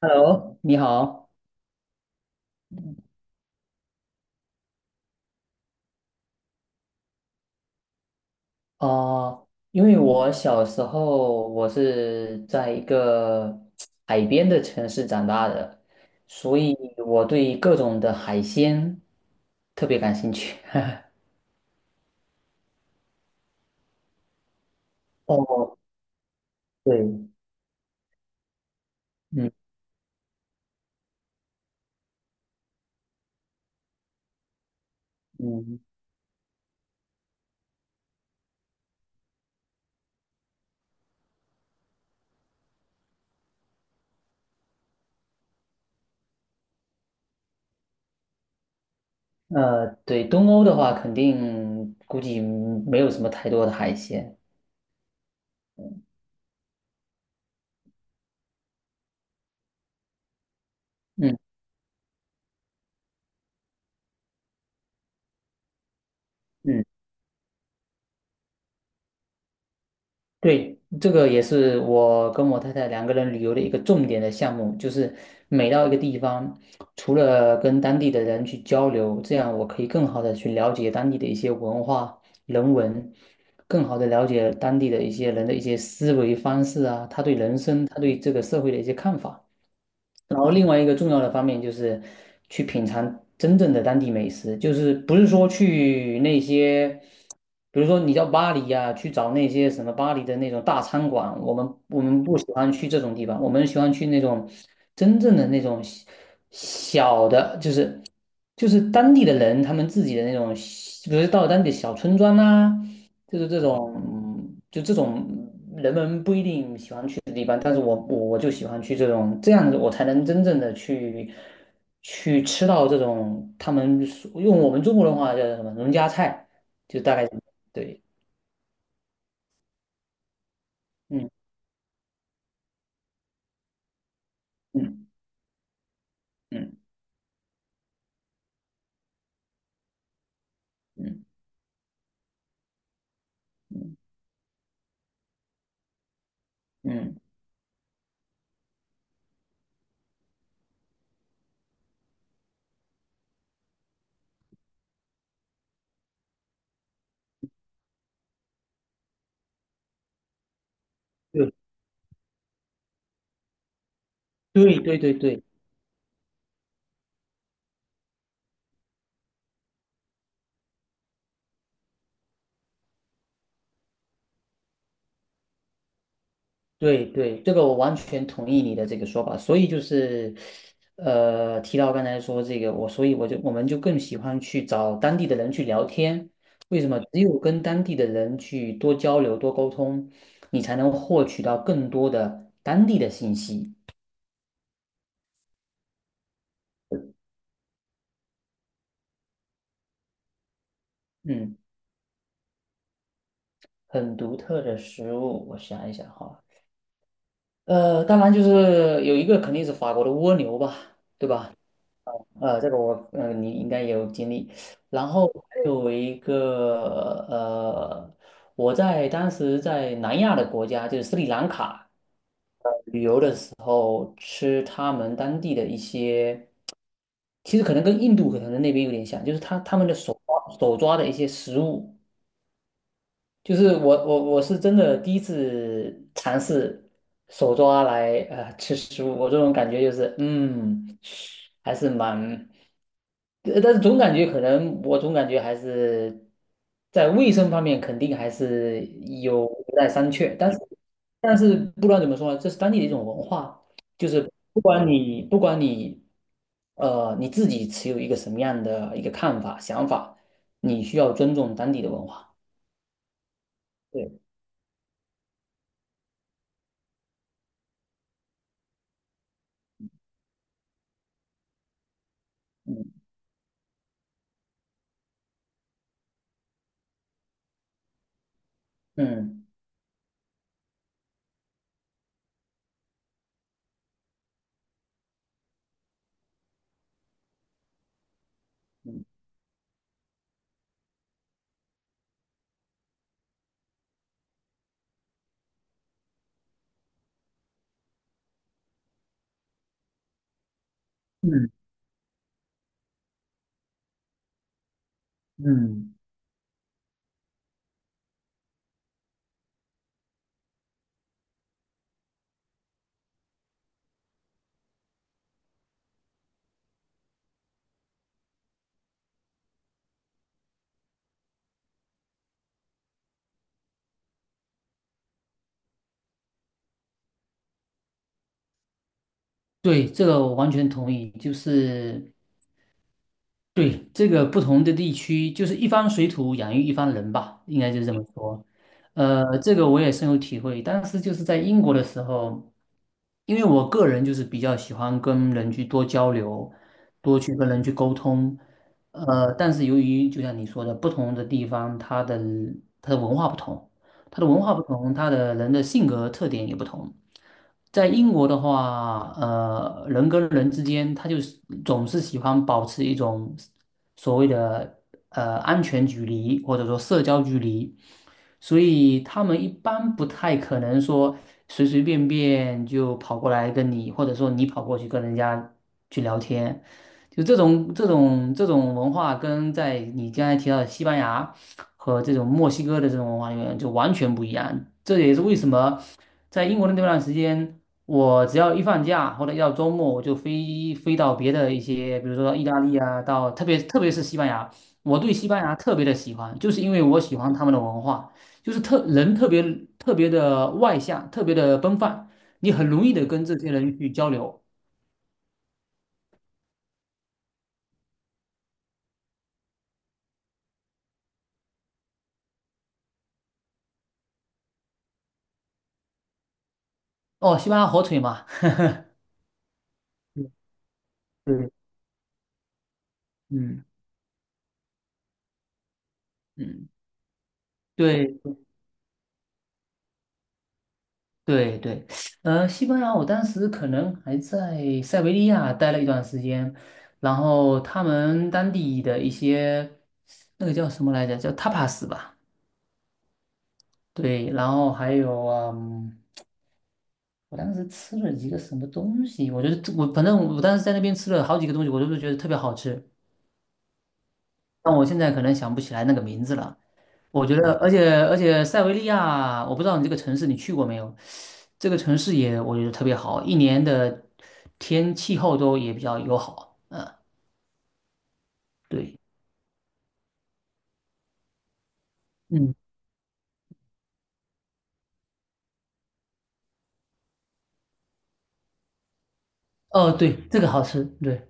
Hello，你好。啊！因为我小时候我是在一个海边的城市长大的，所以我对各种的海鲜特别感兴趣。哦，对，嗯嗯，对，东欧的话，肯定估计没有什么太多的海鲜。嗯嗯。对，这个也是我跟我太太两个人旅游的一个重点的项目，就是每到一个地方，除了跟当地的人去交流，这样我可以更好的去了解当地的一些文化、人文，更好的了解当地的一些人的一些思维方式啊，他对人生、他对这个社会的一些看法。然后另外一个重要的方面就是去品尝真正的当地美食，就是不是说去那些，比如说你到巴黎呀、去找那些什么巴黎的那种大餐馆，我们不喜欢去这种地方，我们喜欢去那种真正的那种小小的，就是就是当地的人他们自己的那种，比如到当地小村庄啊，就是这种就这种。定喜欢去的地方，但是我就喜欢去这种这样子，我才能真正的去去吃到这种他们所用我们中国的话叫什么农家菜，就大概对，嗯嗯嗯嗯嗯，对对对对对。对对，这个我完全同意你的这个说法，所以就是，提到刚才说这个，我所以我就我们就更喜欢去找当地的人去聊天，为什么？只有跟当地的人去多交流、多沟通，你才能获取到更多的当地的信息。嗯，很独特的食物，我想一想哈，当然就是有一个肯定是法国的蜗牛吧，对吧？这个我你应该也有经历。然后还有一个我在当时在南亚的国家，就是斯里兰卡，吃他们当地的一些，其实可能跟印度可能那边有点像，就是他们的手抓手抓的一些食物，就是我是真的第一次尝试手抓来吃食物，我这种感觉就是嗯，还是蛮，但是总感觉可能我总感觉还是在卫生方面肯定还是有待商榷，但是但是不管怎么说呢，这是当地的一种文化，就是不管你你自己持有一个什么样的一个看法想法，你需要尊重当地的文化。对。嗯。嗯嗯嗯嗯，对，这个我完全同意，就是对这个不同的地区，就是一方水土养育一方人吧，应该就是这么说。这个我也深有体会。当时就是在英国的时候，因为我个人就是比较喜欢跟人去多交流，多去跟人去沟通。但是由于就像你说的，不同的地方它的它的文化不同。它的文化不同，它的人的性格特点也不同。在英国的话，人跟人之间，他就是总是喜欢保持一种所谓的安全距离，或者说社交距离，所以他们一般不太可能说随随便便就跑过来跟你，或者说你跑过去跟人家去聊天，就这种文化跟在你刚才提到的西班牙。和这种墨西哥的这种文化里面就完全不一样。这也是为什么在英国的那段时间，我只要一放假或者一到周末，我就飞到别的一些，比如说到意大利啊，到特别是西班牙，我对西班牙特别的喜欢，就是因为我喜欢他们的文化，就是特人特别特别的外向，特别的奔放，你很容易的跟这些人去交流。哦，西班牙火腿嘛，对，嗯嗯，对。对对，西班牙，我当时可能还在塞维利亚待了一段时间，然后他们当地的一些那个叫什么来着，叫 tapas 吧，对，然后还有嗯，我当时吃了几个什么东西，我觉得我反正我当时在那边吃了好几个东西，我都是觉得特别好吃，但我现在可能想不起来那个名字了。我觉得，而且塞维利亚，我不知道你这个城市你去过没有？这个城市也我觉得特别好，一年的天气候都也比较友好。嗯，对，嗯，哦，对，这个好吃，对，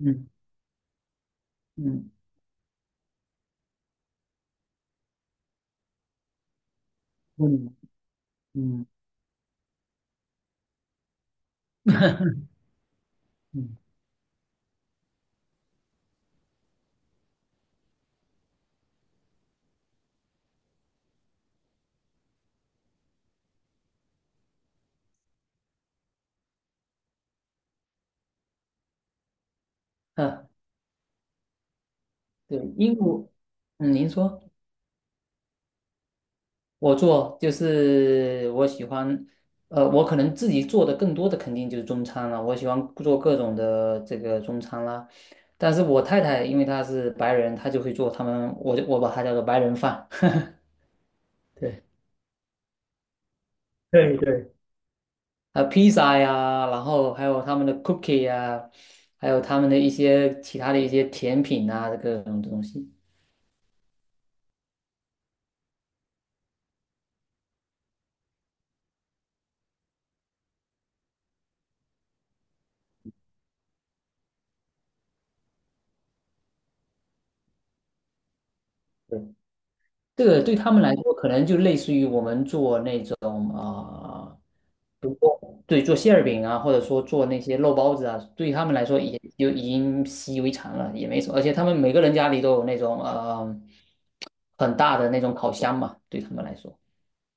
嗯嗯嗯嗯 嗯，嗯，呃对，英国，嗯，您说，我做就是我喜欢，我可能自己做的更多的肯定就是中餐了，我喜欢做各种的这个中餐啦。但是我太太因为她是白人，她就会做他们，我把它叫做白人饭。对。对对披萨呀，然后还有他们的 cookie 呀，还有他们的一些其他的一些甜品啊，各种东西。对，这个对他们来说，可能就类似于我们做那种啊，比如说对做馅儿饼啊，或者说做那些肉包子啊，对他们来说也就已经习以为常了，也没什么。而且他们每个人家里都有那种很大的那种烤箱嘛，对他们来说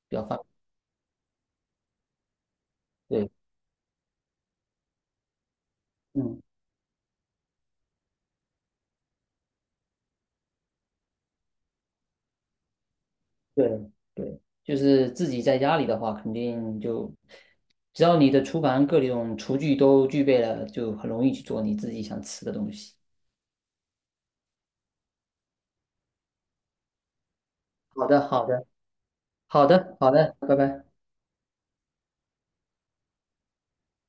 比较方便。对，嗯。对对，就是自己在家里的话，肯定就只要你的厨房各种厨具都具备了，就很容易去做你自己想吃的东西。好的，好的，好的，好的，拜拜。